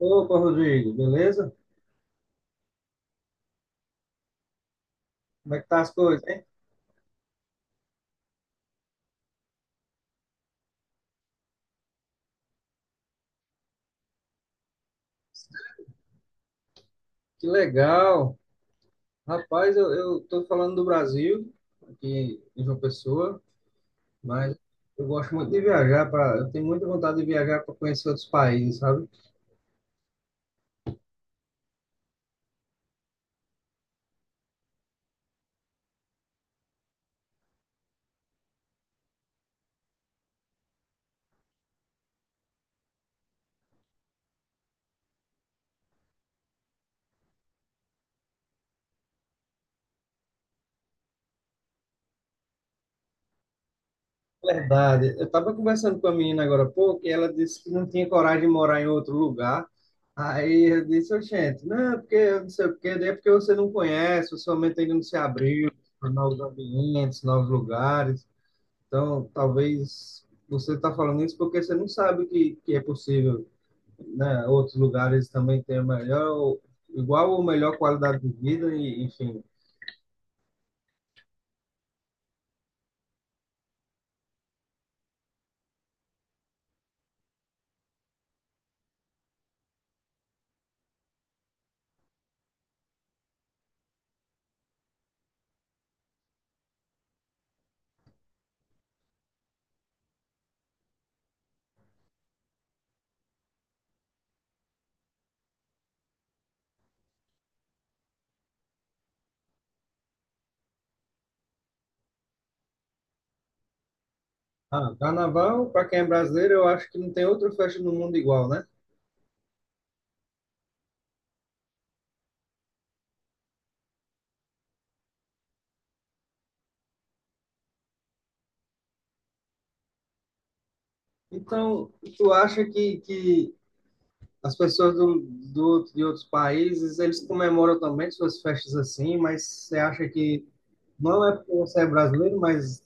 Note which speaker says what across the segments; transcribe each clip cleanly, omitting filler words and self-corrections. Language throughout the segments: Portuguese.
Speaker 1: Opa, Rodrigo, beleza? Como é que tá as coisas, hein? Que legal! Rapaz, eu tô falando do Brasil, aqui em João Pessoa, mas eu gosto muito de viajar, eu tenho muita vontade de viajar para conhecer outros países, sabe? Verdade. Eu tava conversando com a menina agora há pouco e ela disse que não tinha coragem de morar em outro lugar. Aí eu disse, ô, gente, não, porque eu não sei o quê, daí é porque você não conhece, sua mente ainda não se abriu para novos ambientes, novos lugares. Então, talvez você está falando isso porque você não sabe que é possível, né? Outros lugares também têm a melhor, igual ou melhor qualidade de vida, e, enfim. Ah, carnaval, para quem é brasileiro, eu acho que não tem outra festa no mundo igual, né? Então, tu acha que as pessoas de outros países, eles comemoram também suas festas assim, mas você acha que não é porque você é brasileiro, mas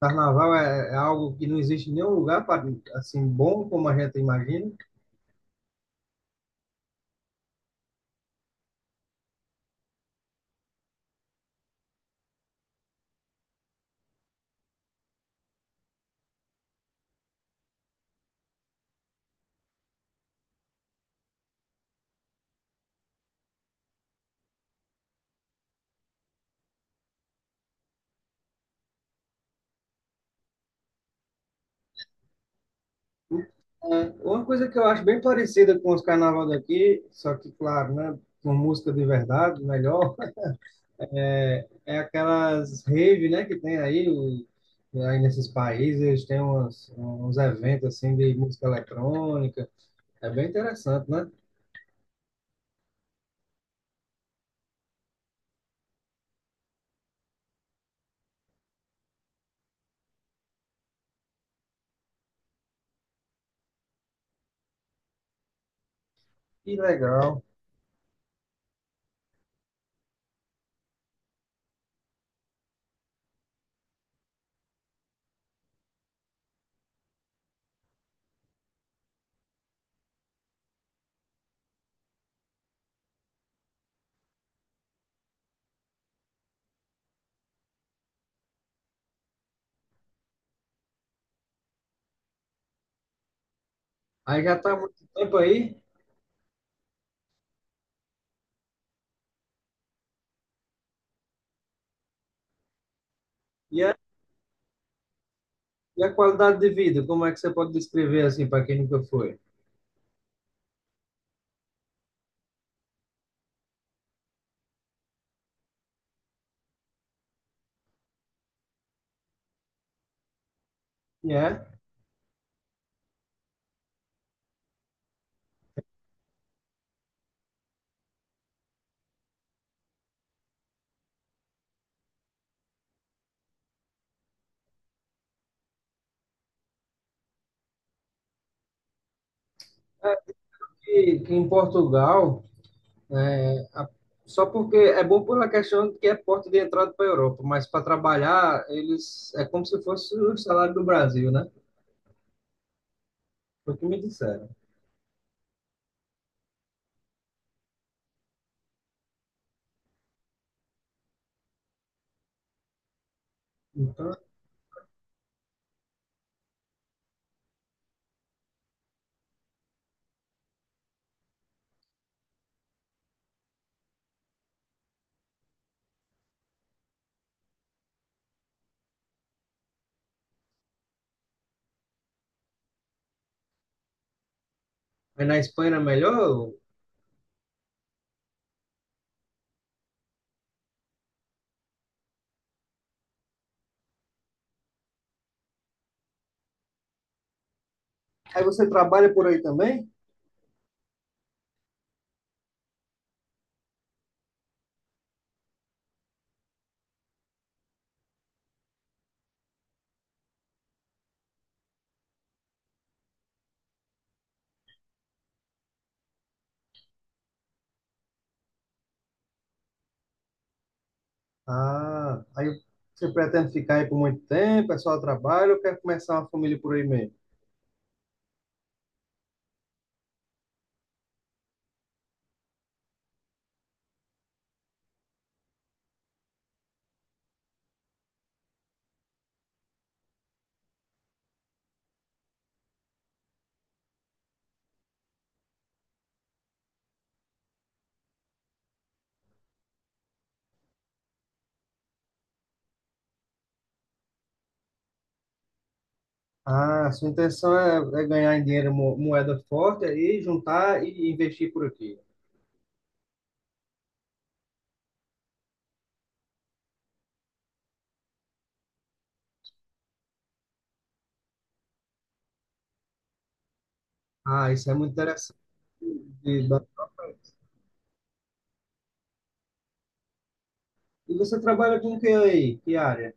Speaker 1: Carnaval é algo que não existe em nenhum lugar assim bom como a gente imagina. É, uma coisa que eu acho bem parecida com os carnaval daqui, só que claro, né, com música de verdade, melhor, é aquelas rave, né, que tem aí, aí nesses países, eles têm uns eventos assim de música eletrônica. É bem interessante, né? Que legal. Aí já está há muito tempo aí. E a, e a qualidade de vida, como é que você pode descrever assim para quem nunca foi? E é que em Portugal, né, só porque é bom pela questão de que é porta de entrada para a Europa, mas para trabalhar, eles é como se fosse o salário do Brasil, né? Foi o que me disseram. Então, aí na Espanha é melhor? Aí você trabalha por aí também? Ah, aí você pretende ficar aí por muito tempo, é só trabalho, ou quer começar uma família por aí mesmo? Ah, sua intenção é, é ganhar em dinheiro, moeda forte, aí juntar e investir por aqui. Ah, isso é muito interessante. E ba- e você trabalha com o que aí? Que área?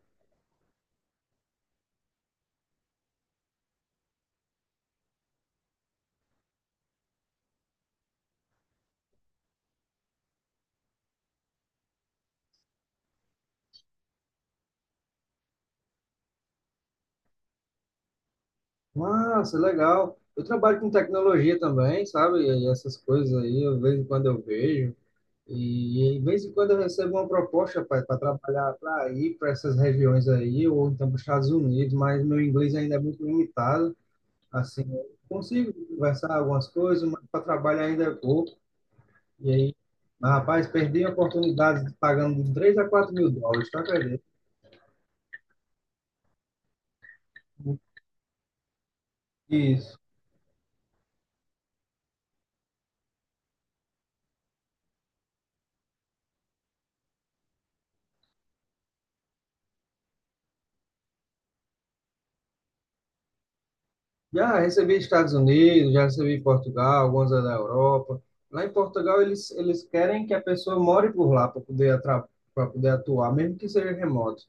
Speaker 1: Nossa, legal. Eu trabalho com tecnologia também, sabe? E essas coisas aí, de vez em quando eu vejo. E de vez em quando eu recebo uma proposta para trabalhar para ir para essas regiões aí, ou então para os Estados Unidos, mas meu inglês ainda é muito limitado. Assim, eu consigo conversar algumas coisas, mas para trabalhar ainda é pouco. E aí, mas, rapaz, perdi a oportunidade de pagando de 3 a 4 mil dólares, tá acredito? Isso. Já recebi Estados Unidos, já recebi Portugal, algumas da Europa. Lá em Portugal, eles querem que a pessoa more por lá para poder, pra poder atuar, mesmo que seja remoto.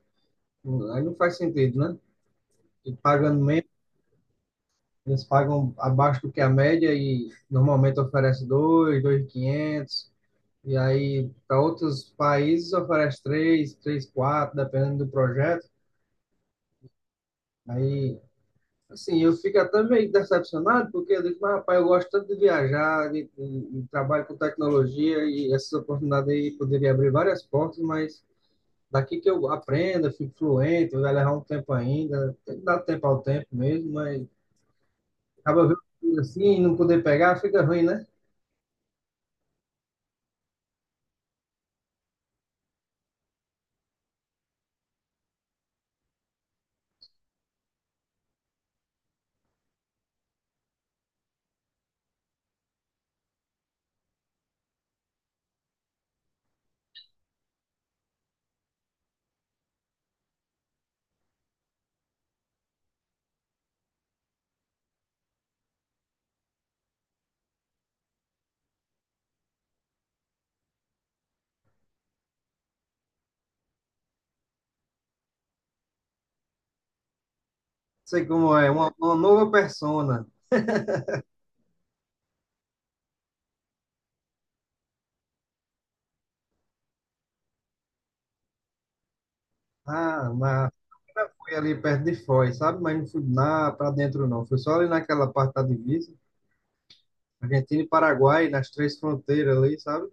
Speaker 1: Aí não faz sentido, né? E pagando menos, eles pagam abaixo do que a média e normalmente oferece dois, 2.500. E aí, para outros países, oferece três, três, quatro, dependendo do projeto. Aí assim, eu fico até meio decepcionado, porque eu digo, mas, rapaz, eu gosto tanto de viajar, de trabalho com tecnologia, e essas oportunidades aí poderia abrir várias portas, mas daqui que eu aprenda, fico fluente, vai levar um tempo ainda, tem que dar tempo ao tempo mesmo, mas acaba vendo assim, e não poder pegar, fica ruim, né? Sei como é, uma nova persona. Ah, mas eu, fui ali perto de Foz, sabe? Mas não fui lá para dentro, não. Fui só ali naquela parte da divisa, Argentina e Paraguai, nas três fronteiras ali, sabe?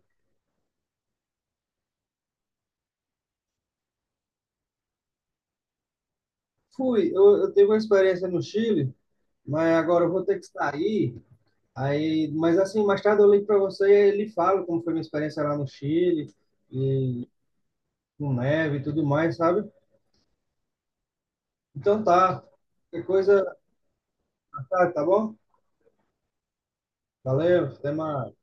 Speaker 1: Fui, eu tive uma experiência no Chile, mas agora eu vou ter que sair. Aí, mas assim, mais tarde eu ligo para você e lhe falo como foi minha experiência lá no Chile, e com neve e tudo mais, sabe? Então tá, qualquer coisa, tá, tá bom? Valeu, até mais.